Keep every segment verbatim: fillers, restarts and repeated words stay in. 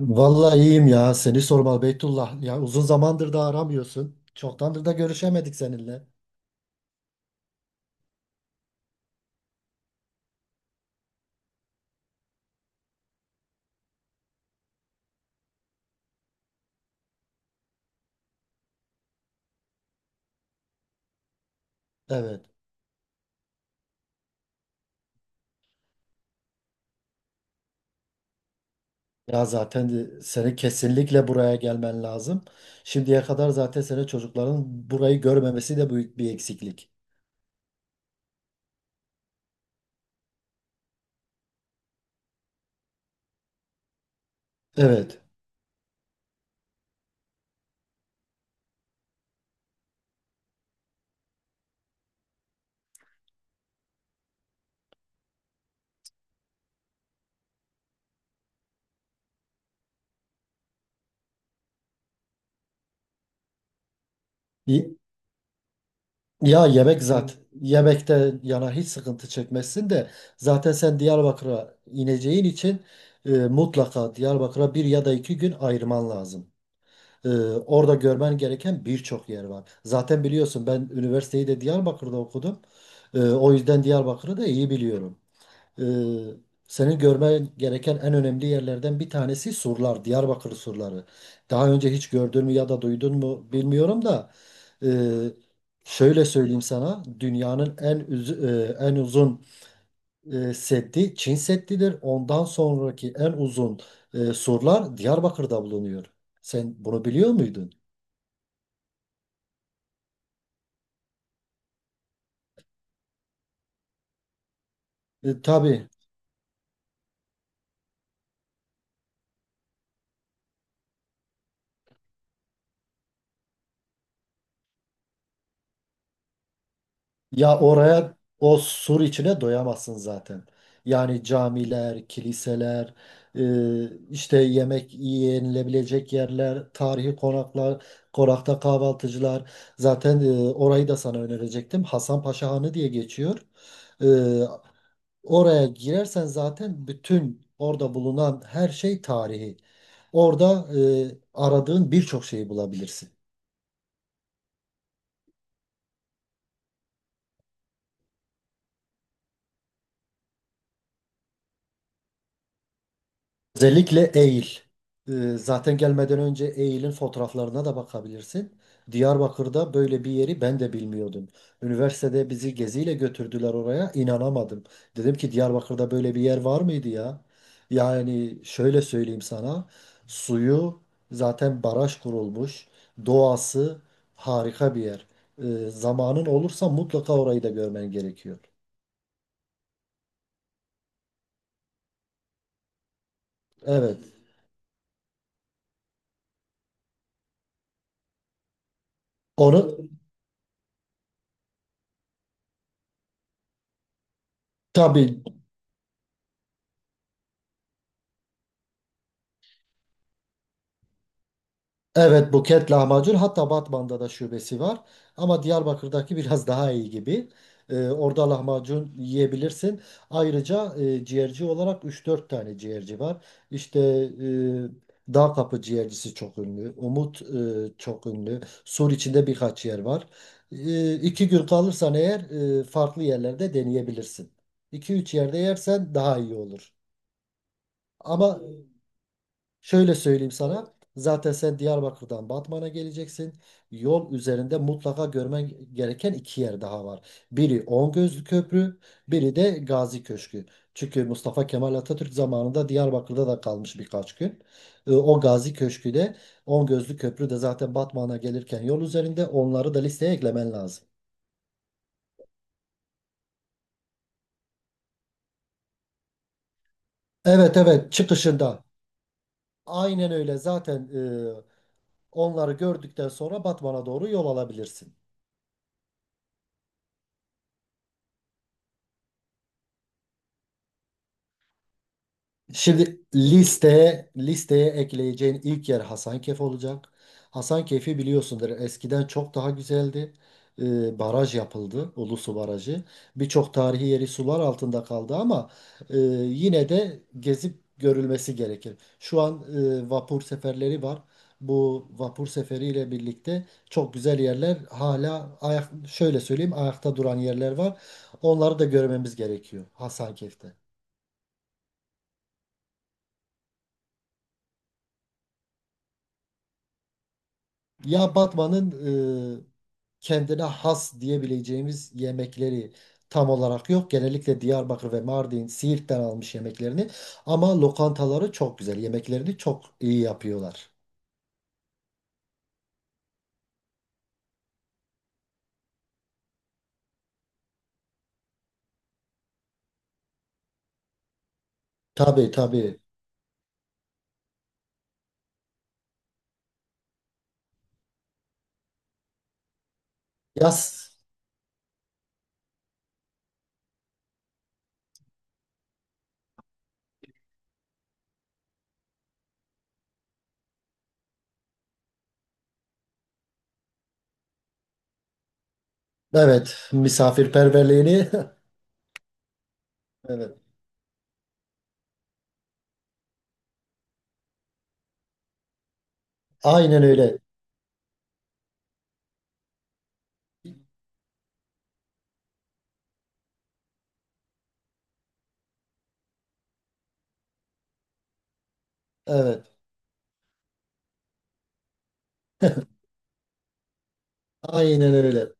Vallahi iyiyim ya. Seni sormalı Beytullah. Ya uzun zamandır da aramıyorsun. Çoktandır da görüşemedik seninle. Evet. Ya zaten de seni kesinlikle buraya gelmen lazım. Şimdiye kadar zaten senin çocukların burayı görmemesi de büyük bir eksiklik. Evet. Y- Ya yemek zaten yemekte yana hiç sıkıntı çekmezsin de zaten sen Diyarbakır'a ineceğin için e, mutlaka Diyarbakır'a bir ya da iki gün ayırman lazım. Ee, orada görmen gereken birçok yer var. Zaten biliyorsun ben üniversiteyi de Diyarbakır'da okudum. Ee, o yüzden Diyarbakır'ı da iyi biliyorum. Ee, Senin görmen gereken en önemli yerlerden bir tanesi surlar, Diyarbakır surları. Daha önce hiç gördün mü ya da duydun mu bilmiyorum da ee, şöyle söyleyeyim sana, dünyanın en üz- e, en uzun e, seddi Çin Seddi'dir. Ondan sonraki en uzun e, surlar Diyarbakır'da bulunuyor. Sen bunu biliyor muydun? E, tabii. Ya oraya, o sur içine doyamazsın zaten. Yani camiler, kiliseler, e, işte yemek yenilebilecek yerler, tarihi konaklar, konakta kahvaltıcılar. Zaten e, orayı da sana önerecektim. Hasan Paşa Hanı diye geçiyor. E, Oraya girersen zaten bütün orada bulunan her şey tarihi. Orada e, aradığın birçok şeyi bulabilirsin. Özellikle Eğil. Ee, Zaten gelmeden önce Eğil'in fotoğraflarına da bakabilirsin. Diyarbakır'da böyle bir yeri ben de bilmiyordum. Üniversitede bizi geziyle götürdüler oraya. İnanamadım. Dedim ki Diyarbakır'da böyle bir yer var mıydı ya? Yani şöyle söyleyeyim sana. Suyu zaten baraj kurulmuş. Doğası harika bir yer. Ee, zamanın olursa mutlaka orayı da görmen gerekiyor. Evet. Onu, tabii. Evet, Buket lahmacun, hatta Batman'da da şubesi var ama Diyarbakır'daki biraz daha iyi gibi. Ee, orada lahmacun yiyebilirsin. Ayrıca e, ciğerci olarak üç dört tane ciğerci var. İşte e, Dağ Kapı ciğercisi çok ünlü. Umut e, çok ünlü. Sur içinde birkaç yer var. E, iki gün kalırsan eğer e, farklı yerlerde deneyebilirsin. iki üç yerde yersen daha iyi olur. Ama şöyle söyleyeyim sana. Zaten sen Diyarbakır'dan Batman'a geleceksin. Yol üzerinde mutlaka görmen gereken iki yer daha var. Biri Ongözlü Köprü, biri de Gazi Köşkü. Çünkü Mustafa Kemal Atatürk zamanında Diyarbakır'da da kalmış birkaç gün. E, O Gazi Köşkü de Ongözlü Köprü de zaten Batman'a gelirken yol üzerinde onları da listeye eklemen lazım. Evet, evet, çıkışında. Aynen öyle. Zaten e, onları gördükten sonra Batman'a doğru yol alabilirsin. Şimdi listeye listeye ekleyeceğin ilk yer Hasankeyf olacak. Hasankeyf'i biliyorsundur. Eskiden çok daha güzeldi. Ee, baraj yapıldı, Ulusu Barajı. Birçok tarihi yeri sular altında kaldı ama e, yine de gezip görülmesi gerekir. Şu an e, vapur seferleri var. Bu vapur seferiyle birlikte çok güzel yerler hala ayak, şöyle söyleyeyim, ayakta duran yerler var. Onları da görmemiz gerekiyor Hasankeyf'te. Ya Batman'ın e, kendine has diyebileceğimiz yemekleri tam olarak yok. Genellikle Diyarbakır ve Mardin, Siirt'ten almış yemeklerini. Ama lokantaları çok güzel. Yemeklerini çok iyi yapıyorlar. Tabii, tabii. Yaz. Evet. Misafirperverliğini. Evet. Aynen öyle. Evet. Aynen öyle.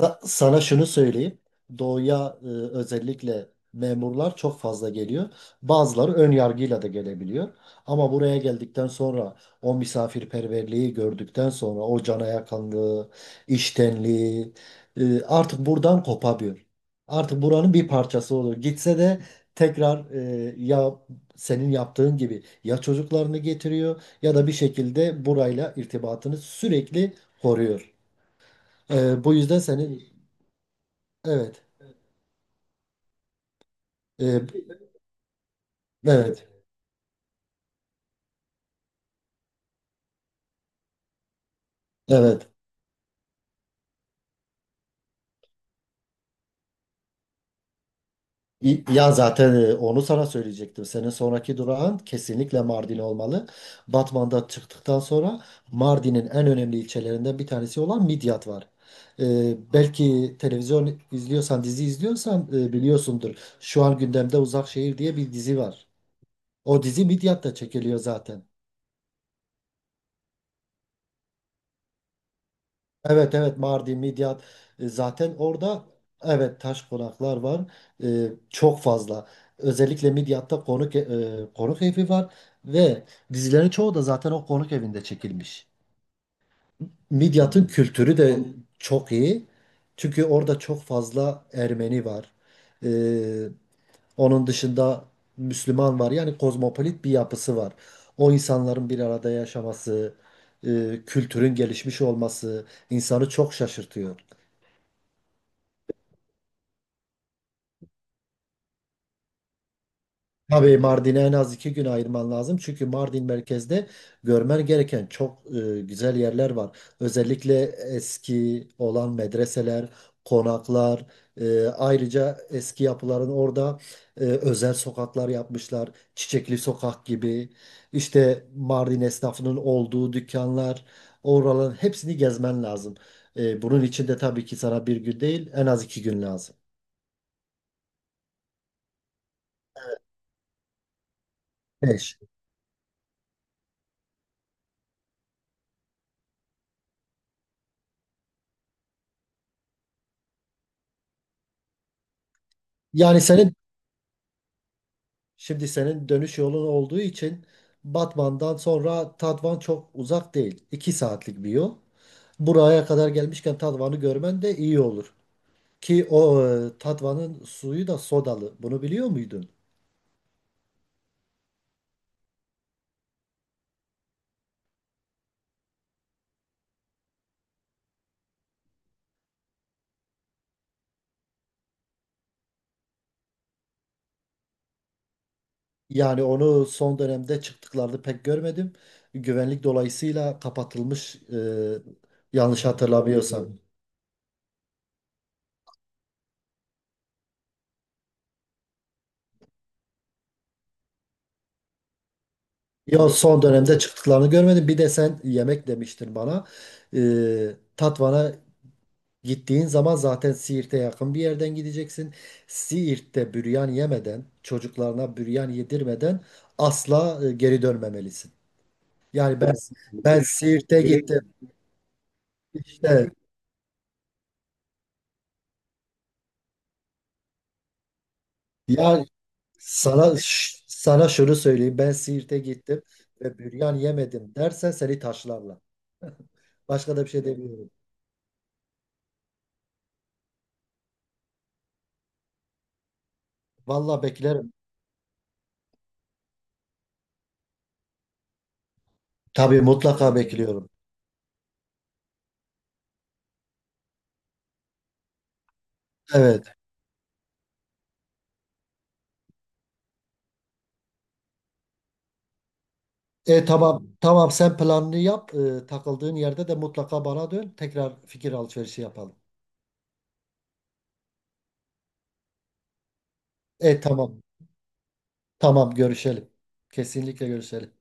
Sa- Sana şunu söyleyeyim. Doğuya e, özellikle memurlar çok fazla geliyor. Bazıları ön yargıyla da gelebiliyor. Ama buraya geldikten sonra o misafirperverliği gördükten sonra o cana yakınlığı, iştenliği e, artık buradan kopamıyor. Artık buranın bir parçası olur. Gitse de tekrar e, ya senin yaptığın gibi ya çocuklarını getiriyor ya da bir şekilde burayla irtibatını sürekli koruyor. Ee, bu yüzden senin. Evet. Ee, evet. Evet. İ- Ya zaten e, onu sana söyleyecektim. Senin sonraki durağın kesinlikle Mardin olmalı. Batman'dan çıktıktan sonra Mardin'in en önemli ilçelerinden bir tanesi olan Midyat var. Ee, belki televizyon izliyorsan, dizi izliyorsan e, biliyorsundur. Şu an gündemde Uzak Şehir diye bir dizi var. O dizi Midyat'ta çekiliyor zaten. Evet, evet, Mardin, Midyat. E, zaten orada, evet, taş konaklar var. E, çok fazla. Özellikle Midyat'ta konuk e, konuk evi var ve dizilerin çoğu da zaten o konuk evinde çekilmiş. Midyat'ın kültürü de çok iyi. Çünkü orada çok fazla Ermeni var. E, Onun dışında Müslüman var. Yani kozmopolit bir yapısı var. O insanların bir arada yaşaması, e, kültürün gelişmiş olması insanı çok şaşırtıyor. Tabii Mardin'e en az iki gün ayırman lazım. Çünkü Mardin merkezde görmen gereken çok e, güzel yerler var. Özellikle eski olan medreseler, konaklar, e, ayrıca eski yapıların orada e, özel sokaklar yapmışlar. Çiçekli sokak gibi. İşte Mardin esnafının olduğu dükkanlar, oraların hepsini gezmen lazım. E, bunun için de tabii ki sana bir gün değil, en az iki gün lazım. Beş. Yani senin Şimdi senin dönüş yolun olduğu için Batman'dan sonra Tatvan çok uzak değil. iki saatlik bir yol. Buraya kadar gelmişken Tatvan'ı görmen de iyi olur. Ki o e, Tatvan'ın suyu da sodalı. Bunu biliyor muydun? Yani onu son dönemde çıktıklarını pek görmedim. Güvenlik dolayısıyla kapatılmış e, yanlış hatırlamıyorsam. Anladım. Yo, son dönemde çıktıklarını görmedim. Bir de sen yemek demiştin bana. E, Tatvan'a gittiğin zaman zaten Siirt'e yakın bir yerden gideceksin. Siirt'te büryan yemeden, çocuklarına büryan yedirmeden asla e, geri dönmemelisin. Yani ben ben Siirt'e gittim. İşte ya sana ş- sana şunu söyleyeyim. Ben Siirt'e gittim ve büryan yemedim dersen seni taşlarlar. Başka da bir şey demiyorum. Vallahi beklerim. Tabii, mutlaka bekliyorum. Evet. E tamam, tamam, sen planını yap. E, takıldığın yerde de mutlaka bana dön. Tekrar fikir alışverişi yapalım. E tamam. Tamam, görüşelim. Kesinlikle görüşelim.